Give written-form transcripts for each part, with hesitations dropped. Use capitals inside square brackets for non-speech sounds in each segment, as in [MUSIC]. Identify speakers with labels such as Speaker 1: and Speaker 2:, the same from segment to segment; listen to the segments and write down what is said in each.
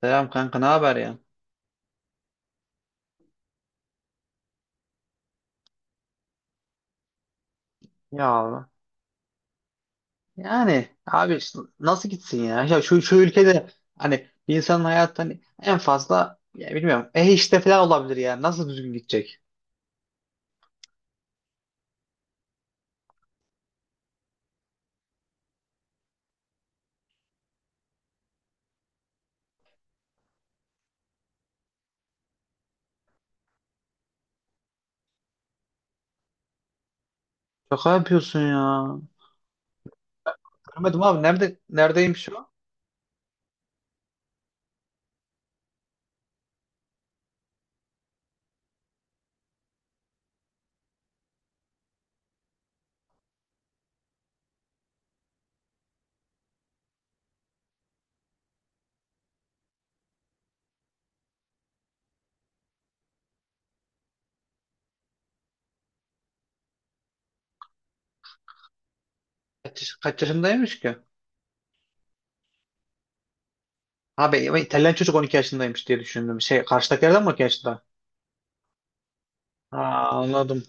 Speaker 1: Selam kanka, ne haber ya? Ya Allah. Yani abi işte nasıl gitsin ya? Ya şu ülkede hani bir insanın hayatı hani en fazla ya bilmiyorum işte falan olabilir ya. Nasıl düzgün gidecek? Şaka yapıyorsun ya. Görmedim abi, neredeymiş o? Kaç yaşındaymış ki? Abi İtalyan çocuk 12 yaşındaymış diye düşündüm. Şey, karşıdakilerden mi 12 yaşında? Aa, anladım.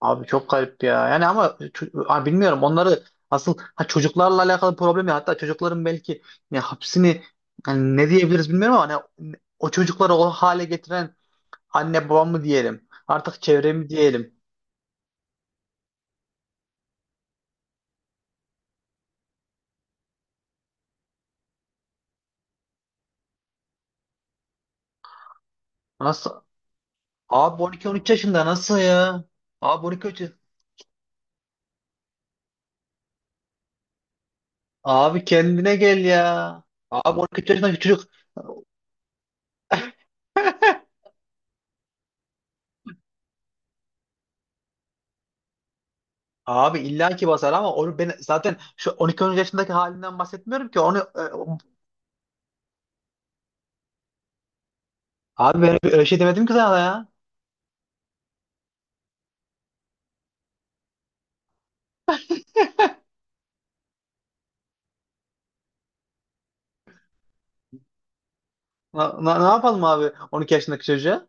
Speaker 1: Abi çok garip ya. Yani ama abi bilmiyorum onları. Asıl ha, çocuklarla alakalı problem ya. Hatta çocukların belki ne hapsini, yani ne diyebiliriz bilmiyorum ama hani o çocukları o hale getiren anne babam mı diyelim, artık çevre mi diyelim? Nasıl? Abi 12-13 yaşında nasıl ya? Abi 12-13. Abi kendine gel ya. Abi 12-13 yaşındaki çocuk. [LAUGHS] Abi illa ki basar ama onu ben zaten şu 12-13 yaşındaki halinden bahsetmiyorum ki onu. Abi ben öyle şey demedim ki sana ya. Ne yapalım abi 12 yaşındaki çocuğa?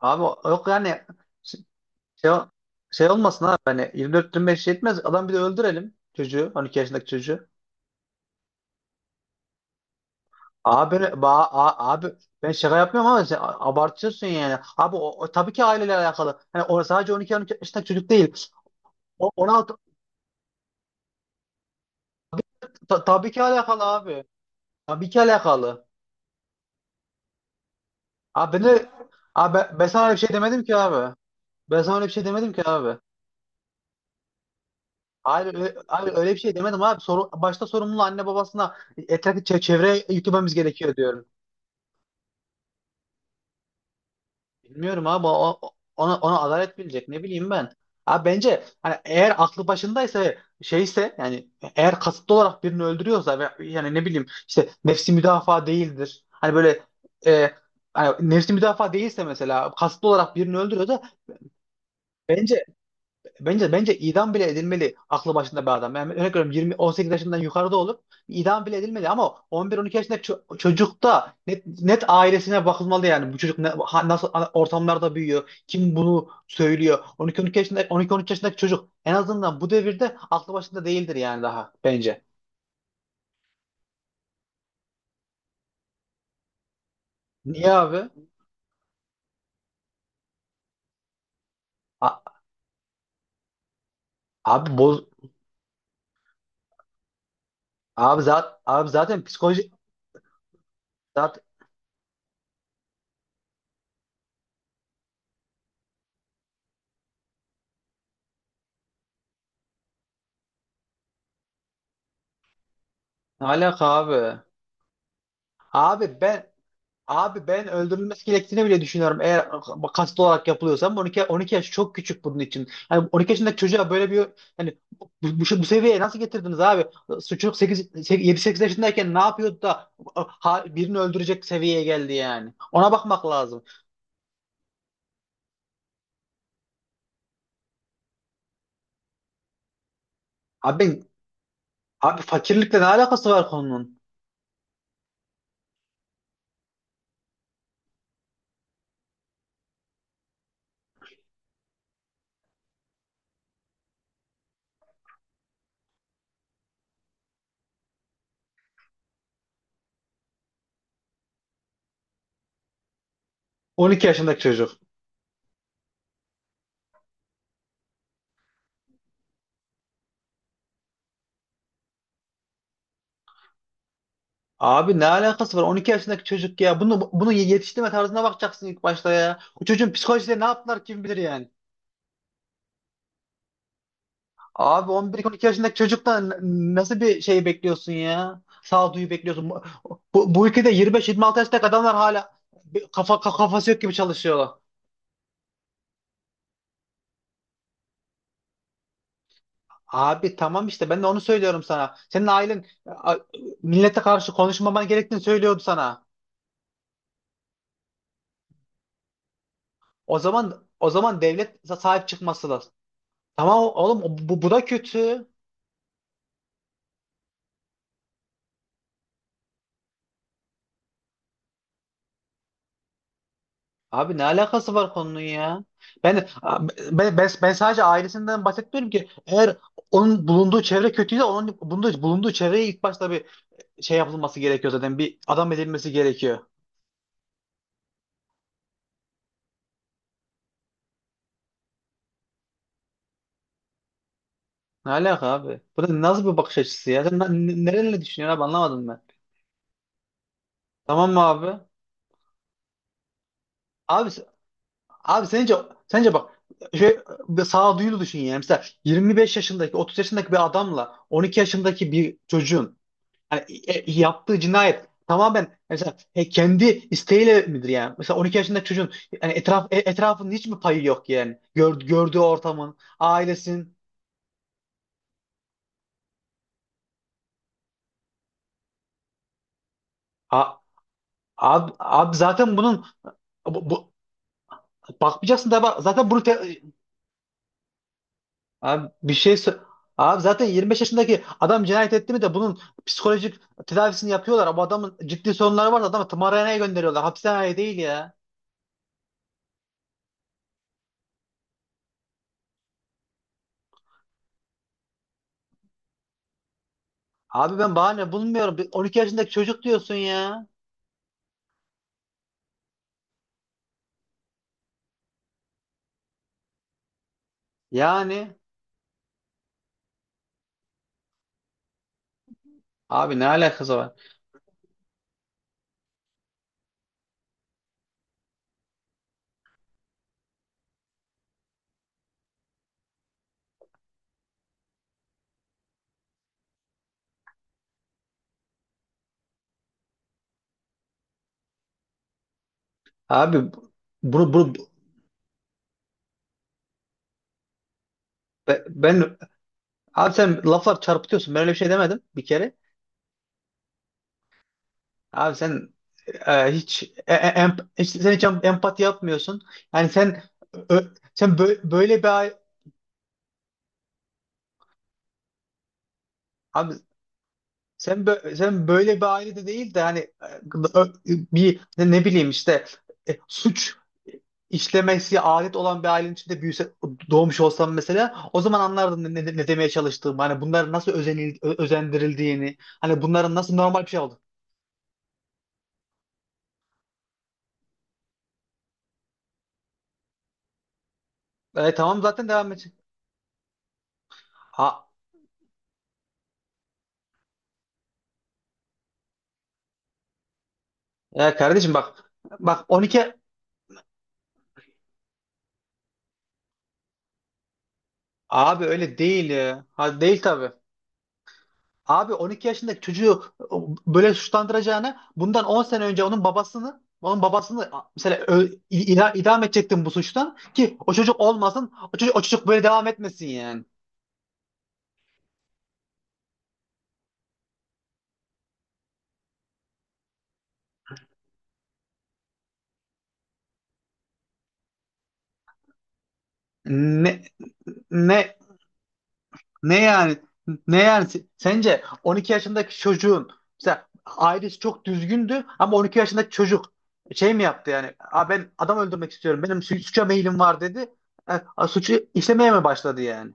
Speaker 1: Abi yok yani, şey, şey şey olmasın abi, hani 24-25 yetmez. Adam bir de öldürelim çocuğu, 12 yaşındaki çocuğu. Abi, ben şaka yapmıyorum ama sen abartıyorsun yani. Abi o tabii ki aileyle alakalı. Hani o sadece on 13 yaşındaki çocuk değil. O, 16, tabii ki alakalı abi. Tabii ki alakalı. Abi ben de abi ben sana öyle bir şey demedim ki abi. Ben sana öyle bir şey demedim ki abi. Hayır, öyle bir şey demedim abi. Başta sorumluluğu anne babasına, etrafı çevreye yüklememiz gerekiyor diyorum. Bilmiyorum abi, ona adalet bilecek, ne bileyim ben. Abi bence hani, eğer aklı başındaysa ve şeyse, yani eğer kasıtlı olarak birini öldürüyorsa ve yani ne bileyim işte, nefsi müdafaa değildir. Hani böyle, e, hani nefsi müdafaa değilse, mesela kasıtlı olarak birini öldürüyorsa, bence, bence idam bile edilmeli, aklı başında bir adam. Yani örnek veriyorum, 20 18 yaşından yukarıda olup idam bile edilmeli ama 11-12 yaşındaki çocukta, net ailesine bakılmalı yani. Bu çocuk nasıl ortamlarda büyüyor? Kim bunu söylüyor? 12-13 yaşında 12-13 yaşındaki çocuk en azından bu devirde aklı başında değildir yani, daha bence. Niye abi? A- abi abi zaten psikoloji zaten, ne alaka abi? Abi ben Abi ben öldürülmesi gerektiğini bile düşünüyorum. Eğer kasıtlı olarak yapılıyorsa 12 yaş çok küçük bunun için. Yani 12 yaşındaki çocuğa böyle bir, hani bu seviyeye nasıl getirdiniz abi? Çocuk 8, 7-8 yaşındayken ne yapıyordu da ha, birini öldürecek seviyeye geldi yani. Ona bakmak lazım. Abi, abi fakirlikle ne alakası var konunun? 12 yaşındaki çocuk. Abi ne alakası var? 12 yaşındaki çocuk ya. Bunu yetiştirme tarzına bakacaksın ilk başta ya. O çocuğun psikolojisine ne yaptılar kim bilir yani. Abi 11 iki yaşındaki çocuktan nasıl bir şey bekliyorsun ya? Sağduyu bekliyorsun. Bu ülkede 25-26 yaşındaki adamlar hala bir kafa kafası yok gibi çalışıyorlar. Abi tamam işte, ben de onu söylüyorum sana. Senin ailen millete karşı konuşmaman gerektiğini söylüyordu sana. O zaman devlet sahip çıkması lazım. Tamam oğlum, bu da kötü. Abi ne alakası var konunun ya? Ben, ben sadece ailesinden bahsetmiyorum ki. Eğer onun bulunduğu çevre kötüyse, onun bulunduğu çevreye ilk başta bir şey yapılması gerekiyor zaten. Bir adam edilmesi gerekiyor. Ne alaka abi? Bu da nasıl bir bakış açısı ya? Sen nerenle düşünüyorsun abi, anlamadım ben. Tamam mı abi? Abi, abi sence, bak şey, bir sağduyulu düşün yani. Mesela 25 yaşındaki 30 yaşındaki bir adamla 12 yaşındaki bir çocuğun yani, yaptığı cinayet tamamen mesela kendi isteğiyle midir yani? Mesela 12 yaşında çocuğun yani etrafının hiç mi payı yok yani? Gördüğü ortamın, ailesinin. A, abi zaten bunun, bu, bu- bakmayacaksın da bak zaten bunu abi bir şey abi zaten 25 yaşındaki adam cinayet etti mi de bunun psikolojik tedavisini yapıyorlar. Bu adamın ciddi sorunları varsa adamı tımarhaneye gönderiyorlar, hapishaneye değil ya. Abi ben bahane bulmuyorum. Bir 12 yaşındaki çocuk diyorsun ya. Yani. Abi ne alakası var? Abi bu- bunu bunu be- ben abi sen laflar çarpıtıyorsun. Ben öyle bir şey demedim bir kere. Abi sen hiç, hiç sen empati yapmıyorsun. Yani sen ö- sen bö- böyle bir abi. Sen böyle bir ailede değil de hani, bir, ne bileyim işte, suç işlemesi adet olan bir ailenin içinde büyüse, doğmuş olsam mesela o zaman anlardın ne demeye çalıştığımı, hani bunların nasıl özendirildiğini, hani bunların nasıl normal bir şey oldu. Tamam zaten devam edecek. Ha, ya kardeşim bak bak, 12. Abi öyle değil ya. Ha, değil tabii. Abi 12 yaşındaki çocuğu böyle suçlandıracağına, bundan 10 sene önce onun babasını, onun babasını mesela idam edecektin bu suçtan, ki o çocuk olmasın, o çocuk, o çocuk böyle devam etmesin yani. Ne ne ne yani ne yani, sence 12 yaşındaki çocuğun mesela ailesi çok düzgündü ama 12 yaşındaki çocuk şey mi yaptı yani? Aa, ben adam öldürmek istiyorum, benim suça meyilim var dedi. Suçu işlemeye mi başladı yani?